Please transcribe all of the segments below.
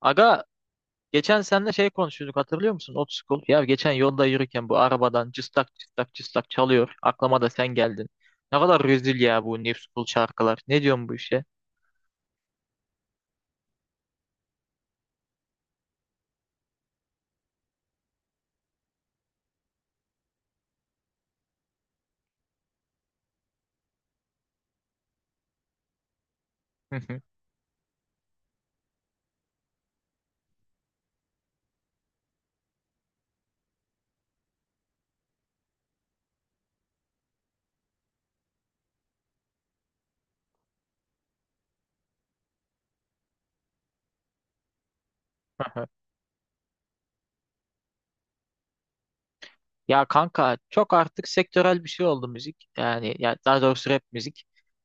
Aga geçen seninle konuşuyorduk hatırlıyor musun? Old School. Ya geçen yolda yürürken bu arabadan cıstak cıstak cıstak çalıyor. Aklıma da sen geldin. Ne kadar rezil ya bu New School şarkılar. Ne diyorsun bu işe? Ya kanka çok artık sektörel bir şey oldu müzik. Yani ya daha doğrusu rap müzik.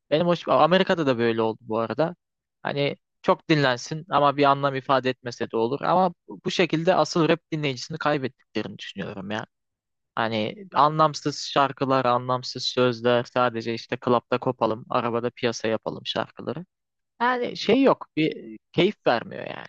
Benim hoş Amerika'da da böyle oldu bu arada. Hani çok dinlensin ama bir anlam ifade etmese de olur. Ama bu şekilde asıl rap dinleyicisini kaybettiklerini düşünüyorum ya. Hani anlamsız şarkılar, anlamsız sözler, sadece işte klapta kopalım, arabada piyasa yapalım şarkıları. Yani şey yok, bir keyif vermiyor yani.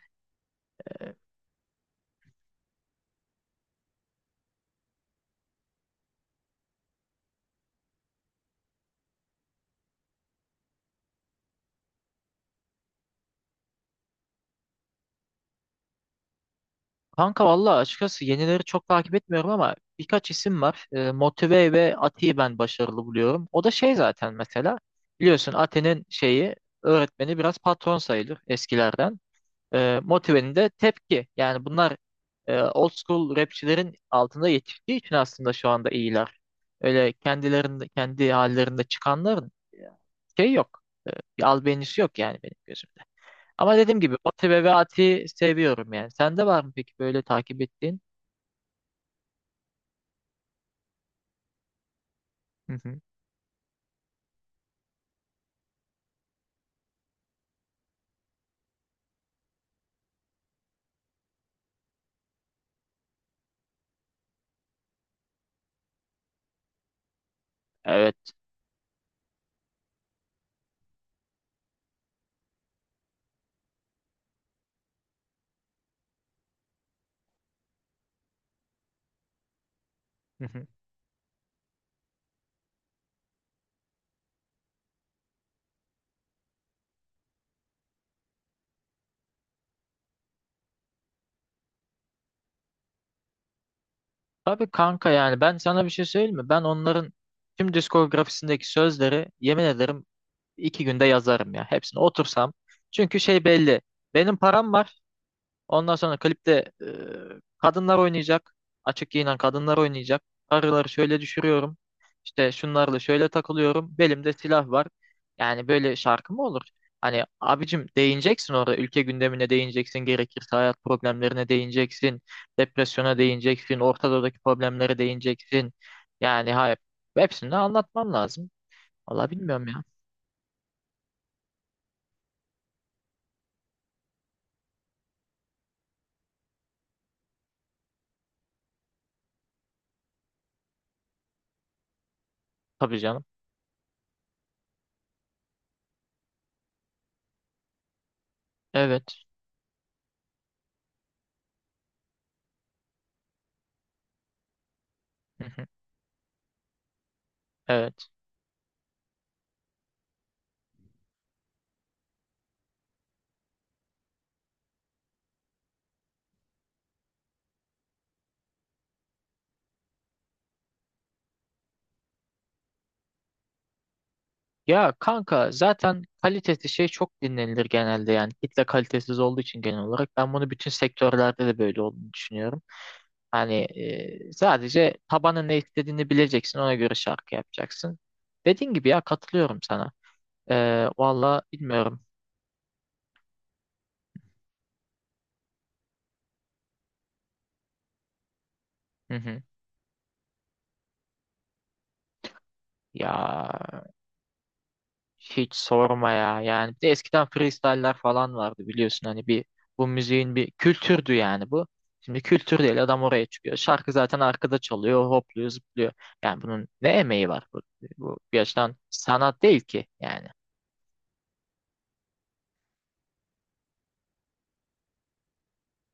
Kanka valla açıkçası yenileri çok takip etmiyorum ama birkaç isim var. Motive ve Ati'yi ben başarılı buluyorum. O da şey zaten mesela biliyorsun Ati'nin şeyi öğretmeni biraz patron sayılır eskilerden. E, Motive'nin de tepki. Yani bunlar old school rapçilerin altında yetiştiği için aslında şu anda iyiler. Öyle kendilerinde kendi hallerinde çıkanların şey yok. E, bir albenisi yok yani benim gözümde. Ama dediğim gibi o tebevaati seviyorum yani. Sende var mı peki böyle takip ettiğin? Hı hı. Evet. Hı hı. Tabii kanka yani ben sana bir şey söyleyeyim mi? Ben onların tüm diskografisindeki sözleri yemin ederim iki günde yazarım ya. Hepsini otursam. Çünkü şey belli. Benim param var. Ondan sonra klipte e, kadınlar oynayacak. Açık giyinen kadınlar oynayacak. Karıları şöyle düşürüyorum. İşte şunlarla şöyle takılıyorum. Belimde silah var. Yani böyle şarkı mı olur? Hani abicim değineceksin orada. Ülke gündemine değineceksin. Gerekirse hayat problemlerine değineceksin. Depresyona değineceksin. Orta Doğu'daki problemlere değineceksin. Yani hayır. Hepsini de anlatman lazım. Valla bilmiyorum ya. Tabii canım. Evet. Evet. Ya kanka zaten kalitesi şey çok dinlenilir genelde yani kitle kalitesiz olduğu için genel olarak ben bunu bütün sektörlerde de böyle olduğunu düşünüyorum. Hani sadece tabanın ne istediğini bileceksin ona göre şarkı yapacaksın. Dediğin gibi ya katılıyorum sana. E, valla bilmiyorum. Hı hı. Ya hiç sorma ya. Yani bir de eskiden freestyle'ler falan vardı biliyorsun hani bu müziğin bir kültürdü yani bu. Şimdi kültür değil adam oraya çıkıyor. Şarkı zaten arkada çalıyor, hopluyor, zıplıyor. Yani bunun ne emeği var? Bu bir açıdan sanat değil ki yani.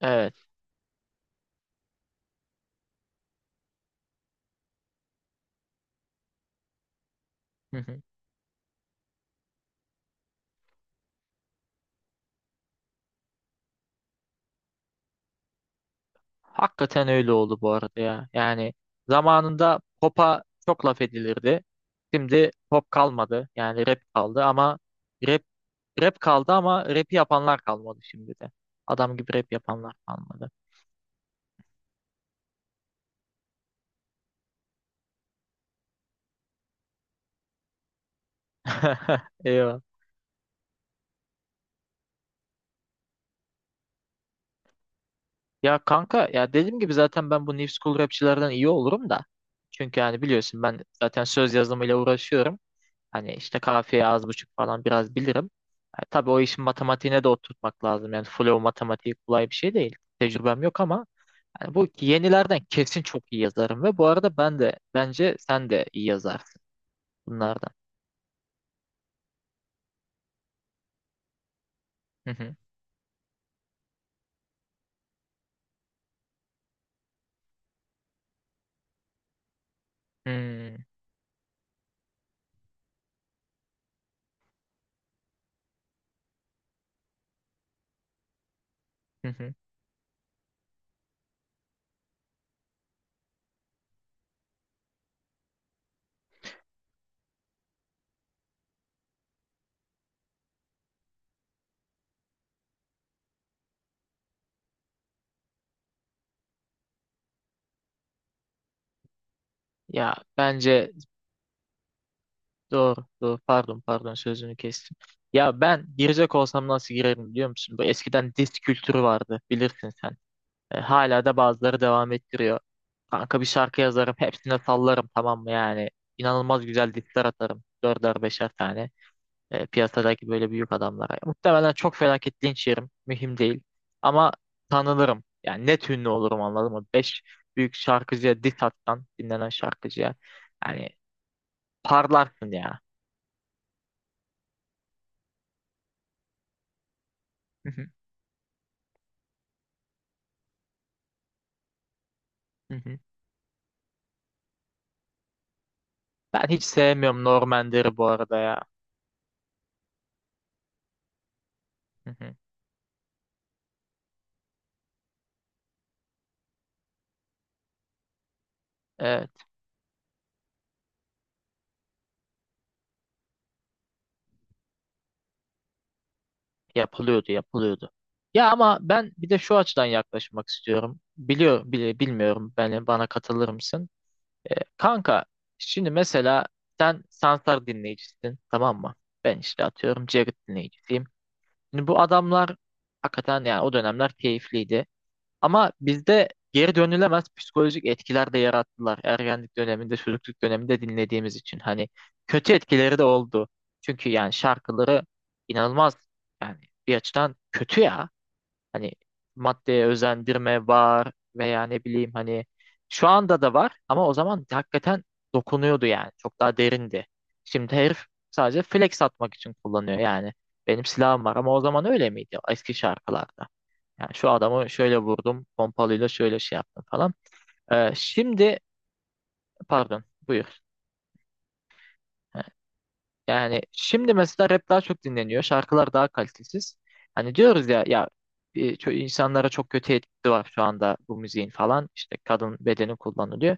Evet. Hı hı. Hakikaten öyle oldu bu arada ya. Yani zamanında pop'a çok laf edilirdi. Şimdi pop kalmadı. Yani rap kaldı ama rap Rap kaldı ama rap'i yapanlar kalmadı şimdi de. Adam gibi rap yapanlar kalmadı. Eyvah. Ya kanka ya dediğim gibi zaten ben bu New School rapçilerden iyi olurum da. Çünkü yani biliyorsun ben zaten söz yazımıyla uğraşıyorum. Hani işte kafiye az buçuk falan biraz bilirim. Tabi tabii o işin matematiğine de oturtmak lazım. Yani flow matematiği kolay bir şey değil. Tecrübem yok ama yani bu yenilerden kesin çok iyi yazarım ve bu arada ben de bence sen de iyi yazarsın bunlardan. Hı hı. Hmm. Hı hı. Ya bence doğru, doğru. Pardon, pardon sözünü kestim. Ya ben girecek olsam nasıl girerim biliyor musun? Bu eskiden disk kültürü vardı bilirsin sen. E, hala da bazıları devam ettiriyor. Kanka bir şarkı yazarım hepsine sallarım tamam mı yani. İnanılmaz güzel diskler atarım. Dörder beşer tane. Piyasadaki böyle büyük adamlara. Muhtemelen çok felaket linç yerim. Mühim değil. Ama tanınırım. Yani net ünlü olurum anladın mı? Beş büyük şarkıcıya diss atsan dinlenen şarkıcıya. Yani parlarsın ya. Hı hı, hı hı. Ben hiç sevmiyorum Normander'i bu arada ya. Hı hı. Evet, yapılıyordu. Ya ama ben bir de şu açıdan yaklaşmak istiyorum. Bilmiyorum beni bana katılır mısın? Kanka, şimdi mesela sen Sansar dinleyicisin, tamam mı? Ben işte atıyorum Jagged dinleyicisiyim. Şimdi bu adamlar hakikaten yani o dönemler keyifliydi. Ama bizde geri dönülemez psikolojik etkiler de yarattılar. Ergenlik döneminde, çocukluk döneminde dinlediğimiz için. Hani kötü etkileri de oldu. Çünkü yani şarkıları inanılmaz yani bir açıdan kötü ya. Hani maddeye özendirme var veya ne bileyim hani şu anda da var ama o zaman hakikaten dokunuyordu yani. Çok daha derindi. Şimdi herif sadece flex atmak için kullanıyor yani. Benim silahım var ama o zaman öyle miydi eski şarkılarda? Yani şu adamı şöyle vurdum, pompalıyla şöyle şey yaptım falan. Şimdi pardon, buyur. Yani şimdi mesela rap daha çok dinleniyor. Şarkılar daha kalitesiz. Hani diyoruz ya ya insanlara çok kötü etkisi var şu anda bu müziğin falan. İşte kadın bedeni kullanılıyor.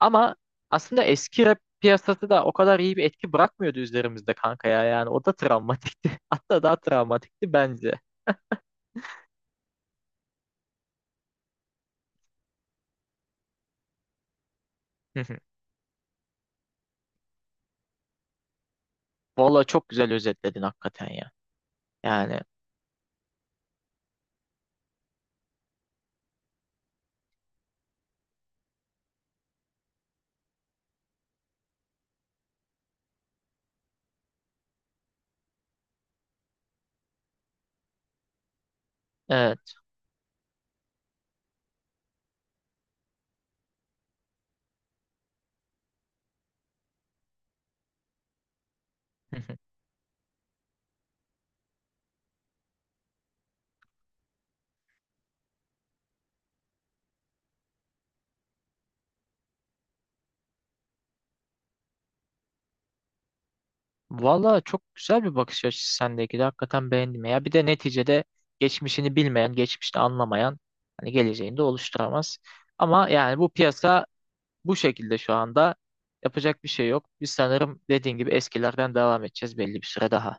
Ama aslında eski rap piyasası da o kadar iyi bir etki bırakmıyordu üzerimizde kanka ya. Yani o da travmatikti. Hatta daha travmatikti bence. Valla çok güzel özetledin hakikaten ya. Yani evet. Valla çok güzel bir bakış açısı sendeki de hakikaten beğendim ya. Bir de neticede geçmişini bilmeyen, geçmişte anlamayan hani geleceğini de oluşturamaz. Ama yani bu piyasa bu şekilde şu anda yapacak bir şey yok. Biz sanırım dediğin gibi eskilerden devam edeceğiz belli bir süre daha.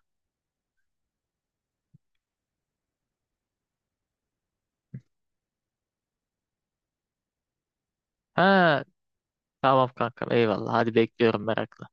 Ha, tamam kankam eyvallah hadi bekliyorum merakla.